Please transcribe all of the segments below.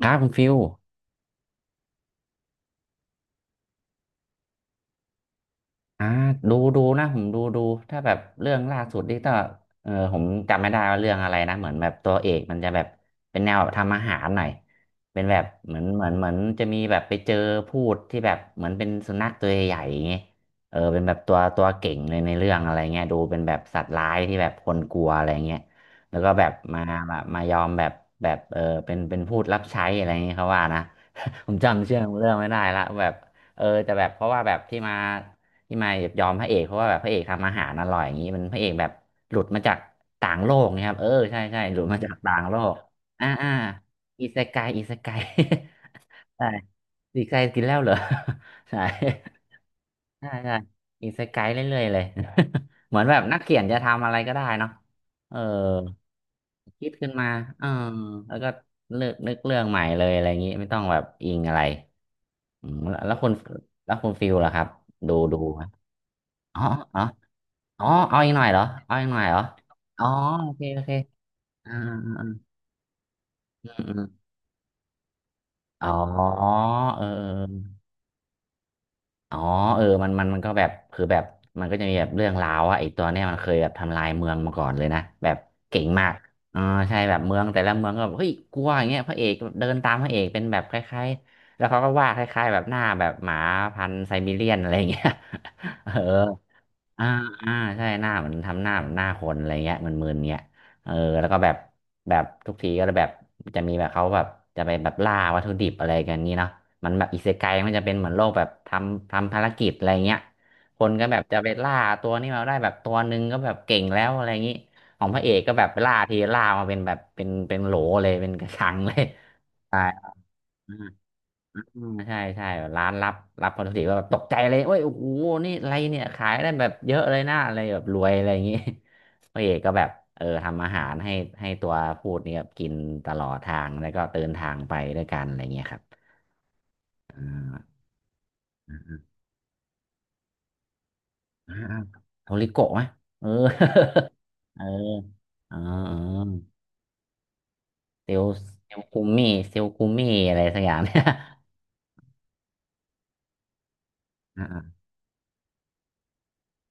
ครับคุณฟิล อ่าดูนะผมดูถ้าแบบเรื่องล่าสุดนี่ก็ผมจำไม่ได้ว่าเรื่องอะไรนะเหมือนแบบตัวเอกมันจะแบบเป็นแนวแบบทำอาหารหน่อยเป็นแบบเหมือนจะมีแบบไปเจอพูดที่แบบเหมือนเป็นสุนัขตัวใหญ่ๆอย่างเงี้ยเออเป็นแบบตัวเก่งเลยในเรื่องอะไรเงี้ยดูเป็นแบบสัตว์ร้ายที่แบบคนกลัวอะไรเงี้ยแล้วก็แบบมาแบบมายอมแบบแบบเออเป็นพูดรับใช้อะไรเงี้ยเขาว่านะ ผมจำเชื่อเรื่องไม่ได้ละแบบเออแต่แบบเพราะว่าแบบที่มา ที่มายแบบยอมพระเอกเพราะว่าแบบพระเอกทำอาหารอร่อยอย่างนี้มันพระเอกแบบหลุดมาจากต่างโลกนะครับเออใช่ใช่หลุดมาจากต่างโลกอ่าอ่าอิเซไกอิเซไก ใช่อิเซไกกินแล้วเหรอ ใช่ใช่ใช่อิเซไกเรื่อยๆเลย เหมือนแบบนักเขียนจะทำอะไรก็ได้เนาะเออคิดขึ้นมาเออแล้วก็เลือกนึกเรื่องใหม่เลยอะไรอย่างนี้ไม่ต้องแบบอิงอะไรอืมแล้วคุณแล้วคุณฟิลล่ะครับดูดูไหมอ๋ออ๋อ อ๋อเอาอีกหน่อยเหรอเอาอีกหน่อยเหรออ๋อโอเคโอเคอ่าอ่าอ่าอืมอืมอ๋อเออเอออ๋อเออมันก็แบบคือแบบมันก็จะมีแบบเรื่องราวว่าไอ้ตัวเนี้ยมันเคยแบบทำลายเมืองมาก่อนเลยนะแบบเก่งมากอ่าใช่แบบเมืองแต่ละเมืองก็แบบเฮ้ยกลัวอย่างเงี้ยพระเอกเดินตามพระเอกเป็นแบบคล้ายๆแล้วเขาก็วาดคล้ายๆแบบหน้าแบบหมาพันธุ์ไซบีเรียนอะไรอย่างเงี้ย เออ อ่าอ่าใช่หน้าเหมือนทำหน้าเหมือนหน้าคนอะไรเงี้ยมนมึนๆเงี้ยเออแล้วก็แบบแบบทุกทีก็แบบจะมีแบบเขาแบบจะไปแบบล่าวัตถุดิบอะไรกันนี้เนาะมันแบบอิเซไกมันจะเป็นเหมือนโลกแบบทำภารกิจอะไรเงี้ยคนก็แบบจะไปล่าตัวนี้มาได้แบบตัวหนึ่งก็แบบเก่งแล้วอะไรอย่างนี้ของพระเอกก็แบบไปล่าทีล่ามาเป็นแบบเป็นโหลเลยเป็นกระชังเลยใช่ อืมใช่ใช่แบบร้านรับรับพอดีก็แบบตกใจเลยเว้ยโอ้โหนี่อะไรเนี่ยขายได้แบบเยอะเลยนะอะไรแบบรวยอะไรอย่างงี้ พระเอกก็แบบเออทำอาหารให้ให้ตัวพูดเนี่ยกินตลอดทางแล้วก็เดินทางไปด้วยกันอะไรเงี้ยครับอ่าอ่าอ่าอ่าโทริโกะไหมเออ เออเออเออเซลล์เซลล์คุมมี่เซลล์คุมมี่อะไรสักอย่างเนี่ย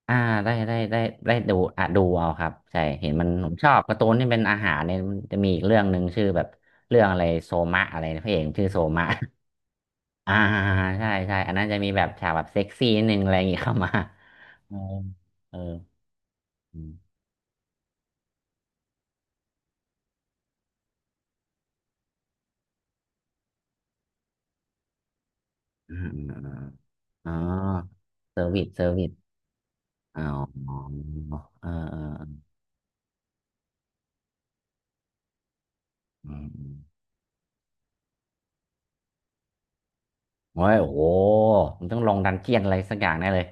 อ่าได้ได้ดูอ่ะดูเอาครับใช่เห็นมันผมชอบการ์ตูนที่เป็นอาหารเนี่ยมันจะมีอีกเรื่องหนึ่งชื่อแบบเรื่องอะไรโซมะอะไรนะพระเอกชื่อโซมะอ่าใช่ใช่อันนั้นจะมีแบบฉากแบบเซ็กซี่นิดนึงอะไรอย่างงี้ เข้ามาเออเอออืมอ่าอ่าอ่าอ๋อเซอร์วิสเซอร์วิสอ๋อเออเออเออืมอืมโอ้ยโอ้โหมันต้องลงดันเจียนอะไรสักอย่างแน่เลย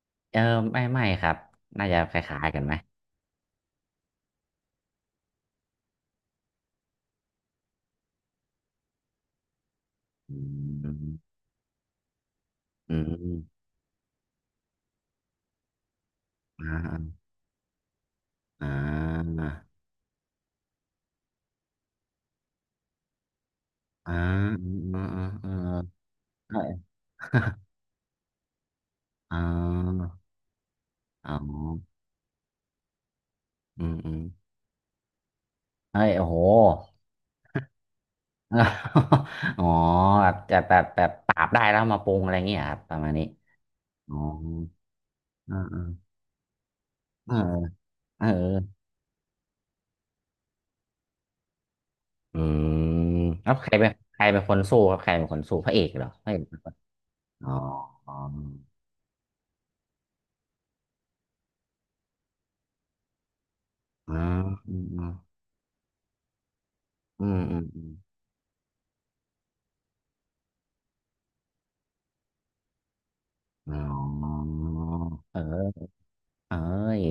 เออไม่ครับน่าจะคล้ายๆกันไหมอืม อืมอ่าอ่าอ่าอ่าอ่าอ่าใช่ อ่าอ๋ออืมอืมเฮ้ยโอ้โห อ๋อแบบจะแบบแบบปราบได้แล้วมาปรุงอะไรเงี้ยครับประมาณนี้อ๋ออ่าอ่าเออเอออืมแล้วใครเป็นใครเป็นคนสู้ครับใครเป็นคนสู้พระเอกเหรอพระเอกเป็นคนอ๋ออ๋ออ๋ออืมอืมอืมอืมอ๋อเออ เอ้ย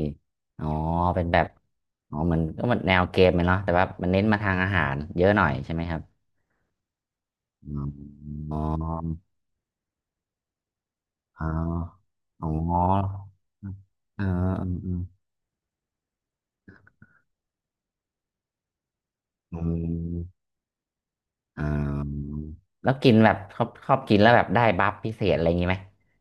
อ๋อ เป็นแบบ อ๋อเหมือนก็มันแนวเกมเลยเนาะแต่ว่ามันเน้นมาทางอาหารเยอะหน่อยใช่ไหมครับ อ๋อ อ๋อ อ๋อ อ๋อเออเออเอออืม อ่าแล้วกินแบบชอบกินแล้วแบบได้บัฟพิเศษอะไรอย่างงี้ไหม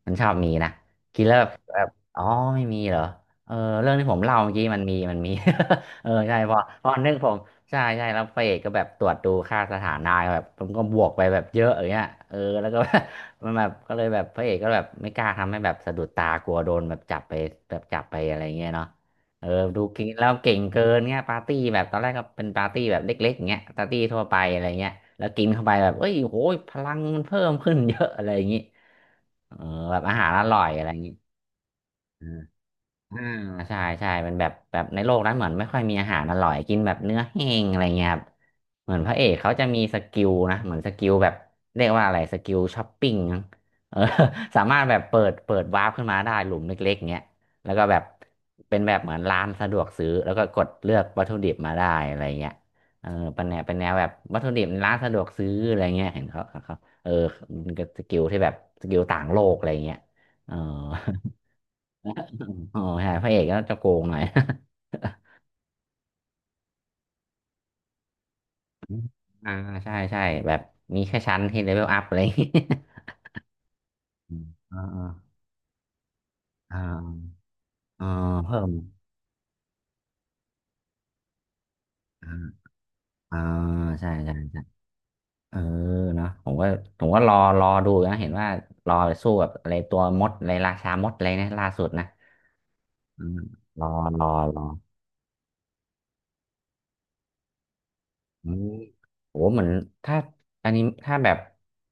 มันชอบมีนะกินแล้วแบบแบบอ๋อไม่มีเหรอเออเรื่องที่ผมเล่าเมื่อกี้มันมี มันมี เออใช่พอพอนึกผมใช่ใช่แล้วพระเอกก็แบบตรวจดูค่าสถานะแบบผมก็บวกไปแบบเยอะอย่างเงี้ยเออแล้วก็ มันแบบก็เลยแบบพระเอกก็แบบไม่กล้าทำให้แบบสะดุดตากลัวโดนแบบจับไปแบบจับไปอะไรอย่างเงี้ยเนาะ เออ ดูกินแล้วเก่งเกินเงี้ยปาร์ตี้แบบตอนแรกก็เป็นปาร์ตี้แบบเล็กๆเงี้ยปาร์ตี้ทั่วไปอะไรเงี้ย แล้วกินเข้าไปแบบเอ้ยโหยพลังมันเพิ่มขึ้นเยอะอะไรอย่างงี้เออแบบอาหารอร่อยอะไรอย่างงี้ อ่าใช่ใช่มันแบบในโลกนั้นเหมือนไม่ค่อยมีอาหารอร่อยกินแบบเนื้อแห้งอะไรเงี้ยครับเหมือนพระเอกเขาจะมีสกิลนะเหมือนสกิลแบบเรียกว่าอะไรสกิลช้อปปิ้งมั้งเออ สามารถแบบเปิดวาร์ปขึ้นมาได้หลุมเล็กๆเงี้ยแล้วก็แบบเป็นแบบเหมือนร้านสะดวกซื้อแล้วก็กดเลือกวัตถุดิบมาได้อะไรเงี้ยเออเป็นแนวเป็นแนวแบบวัตถุดิบในร้านสะดวกซื้ออะไรเงี้ยเห็นเขาเออมันก็สกิลที่แบบสกิลต่างโลกอะไรเงี้ยเออ อ๋อใช่พระเอกก็จะโกงหน่อย อ่าใช่ใช่แบบมีแค่ชั้นที่เลเวลอัพอะไรอย่างงี้ อืมอ่าอ่าอ่าอ่าเพิ่มอ่าอ่าใช่ใช่ใช่เออเนาะผมก็ผมก็รอดูนะเห็นว่ารอไปสู้กับอะไรตัวมดอะไรราชามดอะไรนะล่าสุดนะอืมรอรอรอ อืมโหเหมือนถ้าอันนี้ถ้าแบบ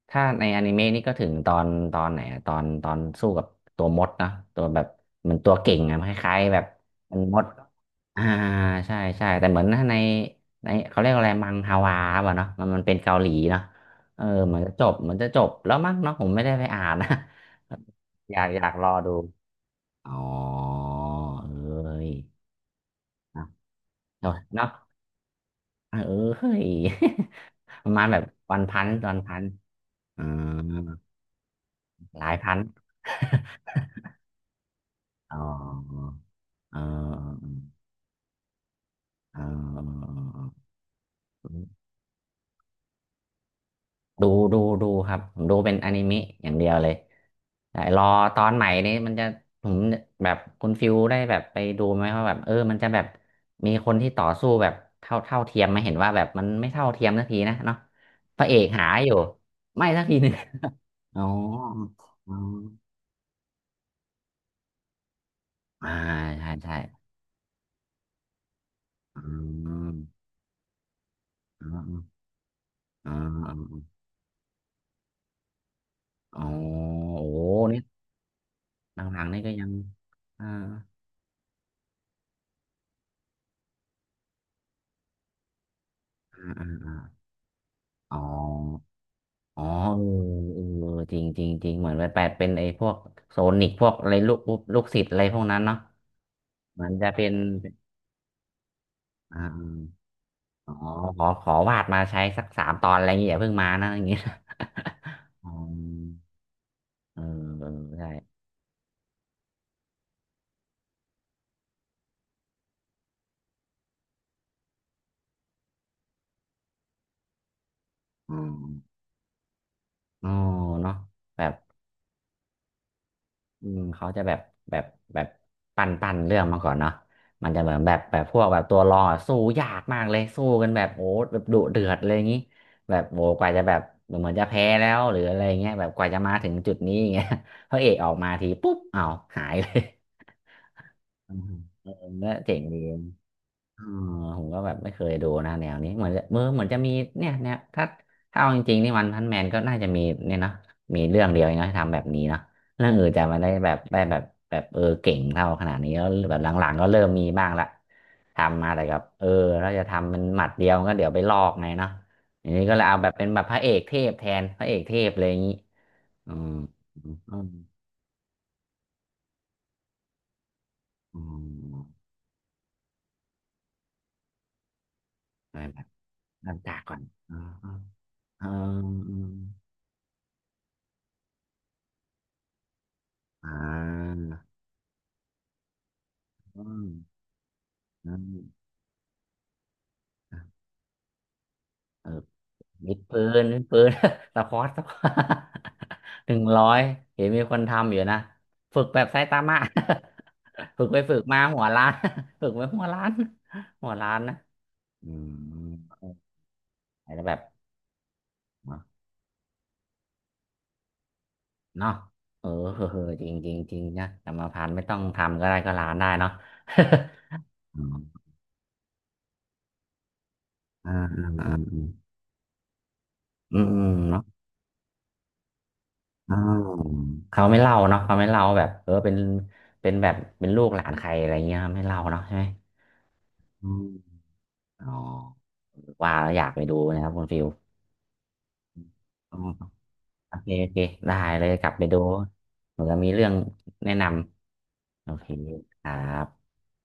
ถ้าในอนิเมะนี่ก็ถึงตอนตอนไหนอะตอนตอนสู้กับตัวมดนะตัวแบบเหมือนตัวเก่งอะคล้ายๆแบบมันมดอ่าใช่ใช่แต่เหมือนถ้าในในเขาเรียกอะไรมังฮวาป่ะเนาะมันเป็นเกาหลีเนาะเออเหมือนจะจบเหมือนจะจบแล้วมั้งเนาะผมไม่ได้ไปอ่านนะ อยากอยากรอดูอ๋อเอ้ยเนาะ เออเฮ้ย ประมาณแบบวันพันตอนพันอ่าหลายพันอ๋อออเออเออดูดูดูครับผมดูเป็นอนิเมะอย่างเดียวเลยแต่รอตอนใหม่นี้มันจะผมแบบคุณฟิวได้แบบไปดูไหมว่าแบบเออมันจะแบบมีคนที่ต่อสู้แบบเท่าเท่าเทียมไหมเห็นว่าแบบมันไม่เท่าเทียมสักทีนะเนาะพระเอกหาอยู่ไม่สักทีหนึ่ง อ๋ออ๋ออ่าใช่ใช่ อืมอืมอืมอืมอมอ๋อโอ้นี่หลังๆนี่ก็ยังอ่าอ่าอ่าอ๋ออ๋อเออเออจริงจริงจริงเหมือนไปแปดเป็นไอ้พวกโซนิกพวกอะไรลูกปุ๊บลูกศิษย์อะไรพวกนั้นเนาะเหมือนจะเป็นอ่าอ๋อขอขอวาดมาใช้สักสามตอนอะไรอย่างเงี้ยอย่าเพิ่งมานะอย่างเงี้ย อ๋อเออเออใช่อมอ๋อเนาะแบบ อืมเขาจะแบบแบบแบบปั่นปั่นเรื่องมาก่อนเนาะมันจะเหมือนแบบพวกแบบตัวรองอะสู้ยากมากเลยสู้กันแบบโอ้แบบดุเดือดเลยอย่างงี้แบบโอ้กว่าจะแบบเหมือนจะแพ้แล้วหรืออะไรเงี้ยแบบกว่าจะมาถึงจุดนี้อย่างเงี้ย พระเอกออกมาทีปุ๊บอ้าวหายเลยอืม เออเนี่ยเจ๋งดี อ๋อผมก็แบบไม่เคยดูนะแนวนี้เหมือนจะเมือเหมือนจะมีเนี่ยเนี่ยถ้าถ้าเอาจริงๆนี่วันพันแมนก็น่าจะมีเนี่ยเนอะมีเรื่องเดียวเองเนอะที่ทำแบบนี้เนอะเรื่องอื่นจะไมาได้แบบได้แบบแบบเออเก่งเท่าขนาดนี้แล้วแบบหลังๆก็เริ่มมีบ้างละทำมาแต่กับเออเราจะทำมันหมัดเดียวก็เดี๋ยวไปลอกไงเนาะอย่างนี้ก็เลยเอาแบบเป็นแบบพระเอกเทพแทนพระเอกเทพเลยอย่างนี้อืมอืมอืมอืมอะไรแบบน้ำตาก่อนอ๋ออ๋ออ๋ออ๋อ อืมอืมเออวิดพื้น สควอต 100เห็นมีคนทำอยู่นะฝึกแบบไซตามะ ฝึกไปฝึกมาหัวล้าน ฝึกไปหัวล้าน หัวล้านนะอืมอาจจะแบบเนาะเนาะเออ เออเออจริงจริงจริงนะกรรมพันธุ์ไม่ต้องทำก็ได้ก็ล้านได้เนาะ อออืมอืมเนาะ อ่าเขาไม่เล่าเนาะเขาไม่เล่าแบบเออเป็นเป็นแบบเป็นลูกหลานใครอะไรเงี้ยไม่เล่าเนาะใช่ไหมอืมอ๋อว่าแล้วอยากไปดูนะครับคุณฟิลอ๋อโอเคโอเคได้เลยกลับไปดูเหมือนมีเรื่องแนะนำโอเคครับ